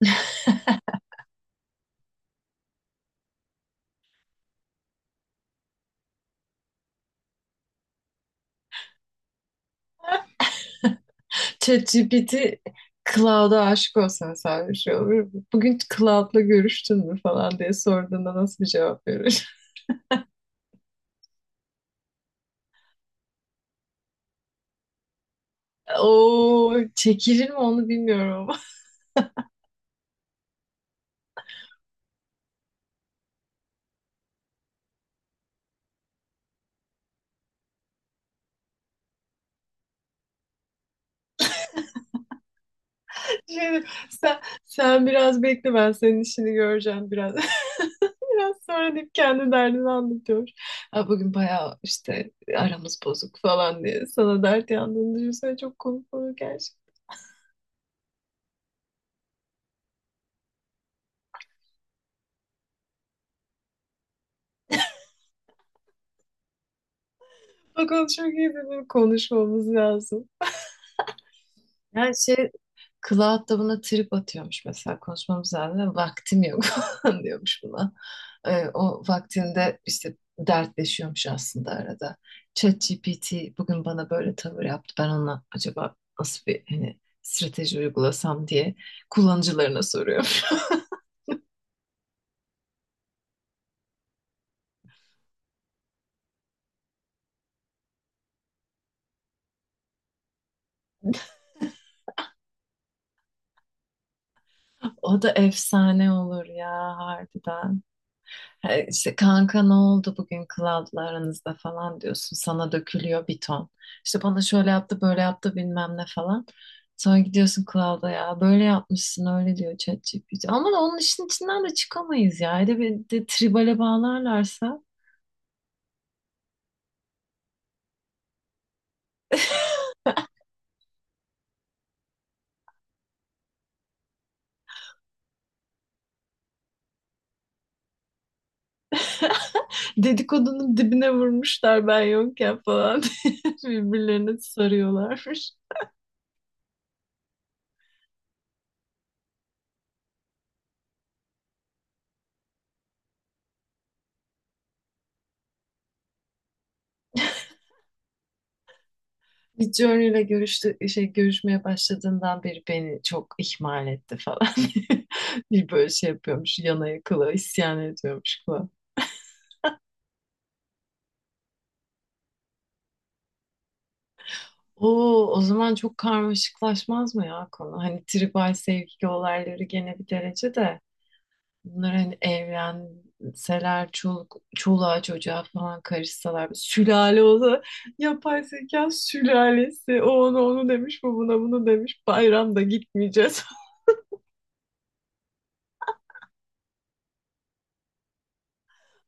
ChatGPT Cloud'a aşık olsan sen bir şey olur mu? Bugün Cloud'la görüştün mü falan diye sorduğunda nasıl bir cevap verir? Oo, çekilir mi onu bilmiyorum ama. Şey, sen, sen biraz bekle ben senin işini göreceğim biraz. Biraz sonra deyip kendi derdini anlatıyor. Ha, bugün bayağı işte aramız bozuk falan diye sana dert yandığını düşünsene çok komik olur gerçekten. Bakalım, çok iyi bir konuşmamız lazım. Yani şey, Cloud da buna trip atıyormuş mesela, konuşmamız lazım. Vaktim yok falan diyormuş buna. O vaktinde işte dertleşiyormuş aslında arada. ChatGPT bugün bana böyle tavır yaptı. Ben ona acaba nasıl bir hani strateji uygulasam diye kullanıcılarına soruyorum. O da efsane olur ya, harbiden. E, İşte kanka ne oldu bugün Cloud'la aranızda falan diyorsun. Sana dökülüyor bir ton. İşte bana şöyle yaptı böyle yaptı bilmem ne falan. Sonra gidiyorsun Cloud'a, ya böyle yapmışsın öyle diyor ChatGPT. Ama onun işin içinden de çıkamayız ya. Hele bir de tribale bağlarlarsa dedikodunun dibine vurmuşlar ben yokken falan, birbirlerine sarıyorlarmış. Midjourney ile görüştü, şey, görüşmeye başladığından beri beni çok ihmal etti falan. Bir böyle şey yapıyormuş, yana yakıla isyan ediyormuş falan. Oo, o zaman çok karmaşıklaşmaz mı ya konu? Hani tribal sevgi olayları gene bir derece de, bunlar hani evlenseler, çoluk, çoluğa çocuğa falan karışsalar bir sülale olsa, yapay zeka sülalesi, o onu onu demiş bu buna bunu demiş, bayramda gitmeyeceğiz.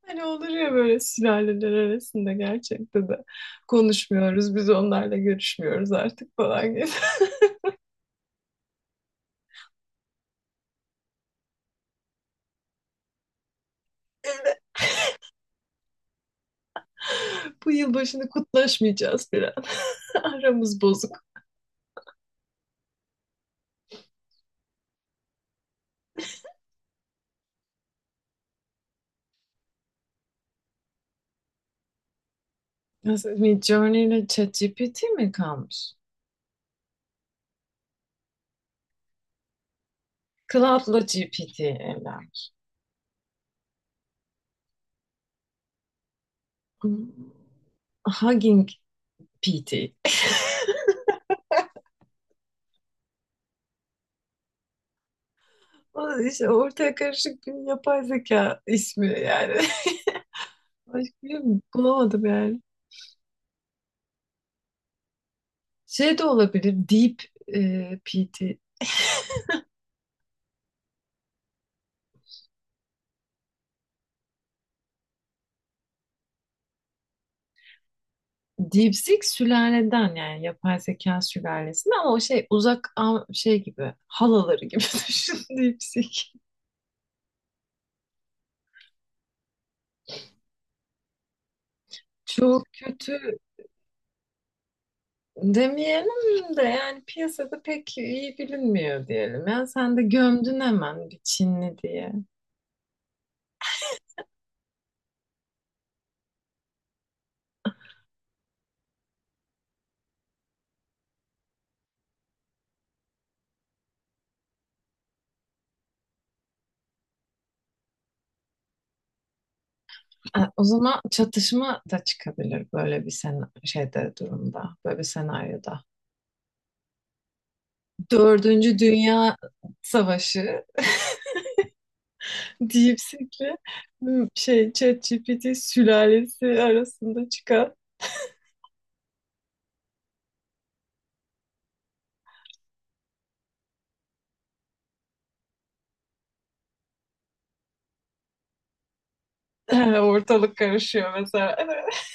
Hani olur ya böyle sülaleler arasında gerçekten de konuşmuyoruz. Biz onlarla görüşmüyoruz artık falan gibi. Bu yılbaşını kutlaşmayacağız bir an. Aramız bozuk. Nasıl, Midjourney ile ChatGPT mi kalmış? Cloud'la GPT evlenmiş. Hmm, Hugging PT. O İşte ortaya karışık bir yapay zeka ismi yani. Başka bir şey bulamadım yani. Şey de olabilir. Deep PT. DeepSeek sülaleden, yani yapay zeka sülalesinden, ama o şey uzak am- şey gibi, halaları gibi düşün DeepSeek. Çok kötü demeyelim de yani, piyasada pek iyi bilinmiyor diyelim. Yani sen de gömdün hemen bir Çinli diye. E, o zaman çatışma da çıkabilir böyle bir sen şeyde durumda, böyle bir senaryoda. Dördüncü Dünya Savaşı, DeepSeek'le bu şey ChatGPT sülalesi arasında çıkan, ortalık karışıyor mesela.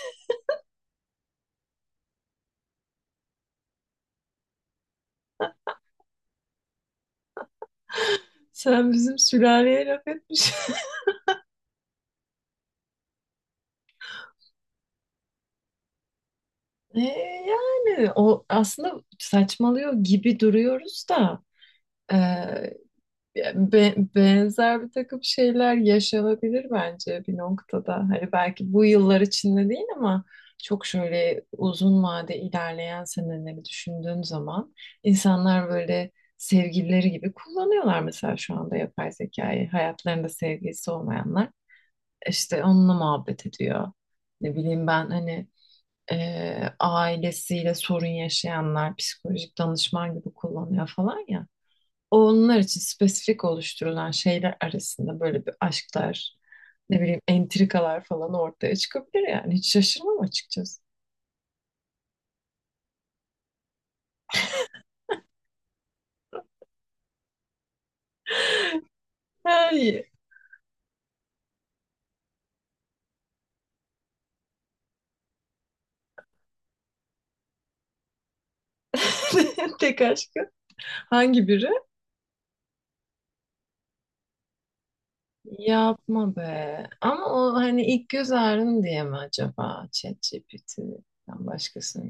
Sen bizim sülaleye laf etmiş. E, yani o aslında, saçmalıyor gibi duruyoruz da benzer bir takım şeyler yaşanabilir bence bir noktada. Hani belki bu yıllar içinde değil, ama çok şöyle uzun vade ilerleyen seneleri düşündüğün zaman, insanlar böyle sevgilileri gibi kullanıyorlar mesela şu anda yapay zekayı. Hayatlarında sevgilisi olmayanlar işte onunla muhabbet ediyor. Ne bileyim ben hani e, ailesiyle sorun yaşayanlar psikolojik danışman gibi kullanıyor falan ya, onlar için spesifik oluşturulan şeyler arasında böyle bir aşklar, ne bileyim entrikalar falan ortaya çıkabilir yani. Hiç şaşırmam açıkçası. Ha, iyi. Tek aşkı hangi biri? Yapma be. Ama o hani ilk göz ağrın diye mi acaba ChatGPT'den başkasını...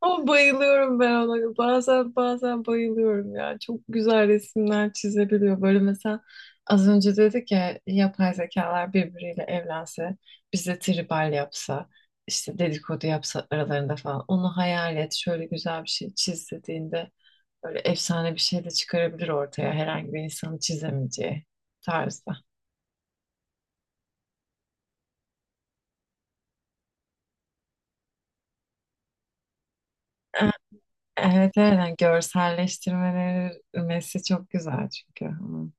Ama bayılıyorum ben ona. Bazen bayılıyorum ya. Çok güzel resimler çizebiliyor. Böyle mesela az önce dedik ya, yapay zekalar birbiriyle evlense, bize tribal yapsa, işte dedikodu yapsa aralarında falan. Onu hayal et. Şöyle güzel bir şey çiz dediğinde böyle efsane bir şey de çıkarabilir ortaya. Herhangi bir insanın çizemeyeceği tarzda. E- Evet, evet. Yani görselleştirmeleri çok güzel çünkü. Hı.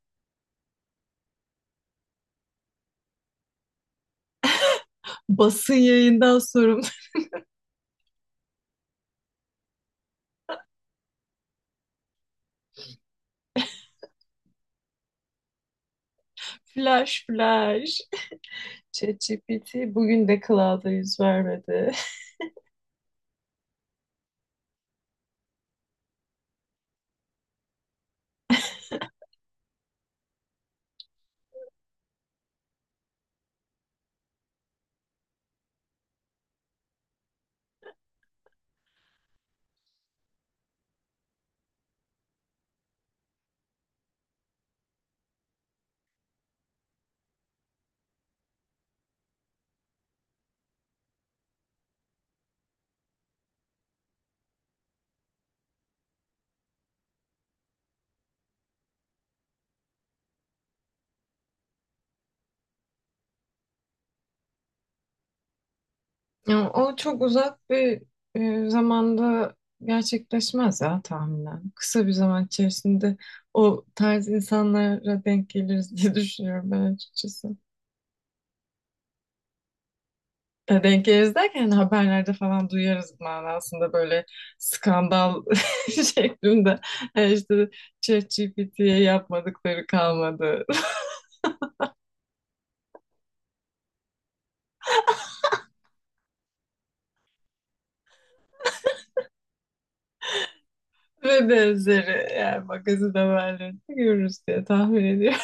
Basın yayından sorumlu. Flash flash. ChatGPT bugün de Cloud'a yüz vermedi. Ya, o çok uzak bir zamanda gerçekleşmez ya tahminen. Kısa bir zaman içerisinde o tarz insanlara denk geliriz diye düşünüyorum ben açıkçası. Ya, denk geliriz derken hani haberlerde falan duyarız manasında, böyle skandal şeklinde. Yani işte ChatGPT'ye yapmadıkları kalmadı. Ve benzeri yani magazin haberlerini görürüz diye tahmin ediyorum.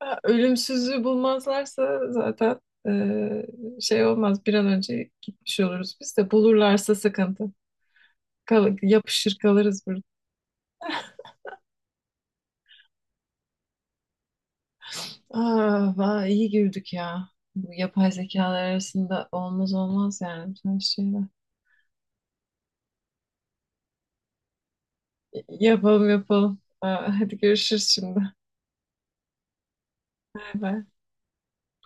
Ölümsüzlüğü bulmazlarsa zaten eee, şey olmaz, bir an önce gitmiş oluruz. Biz de bulurlarsa sıkıntı. Kal yapışır kalırız burada. Ah, vay, iyi girdik ya. Bu yapay zekalar arasında olmaz olmaz yani bütün şeyler. Yapalım yapalım. Aa, hadi görüşürüz şimdi. Bay bay.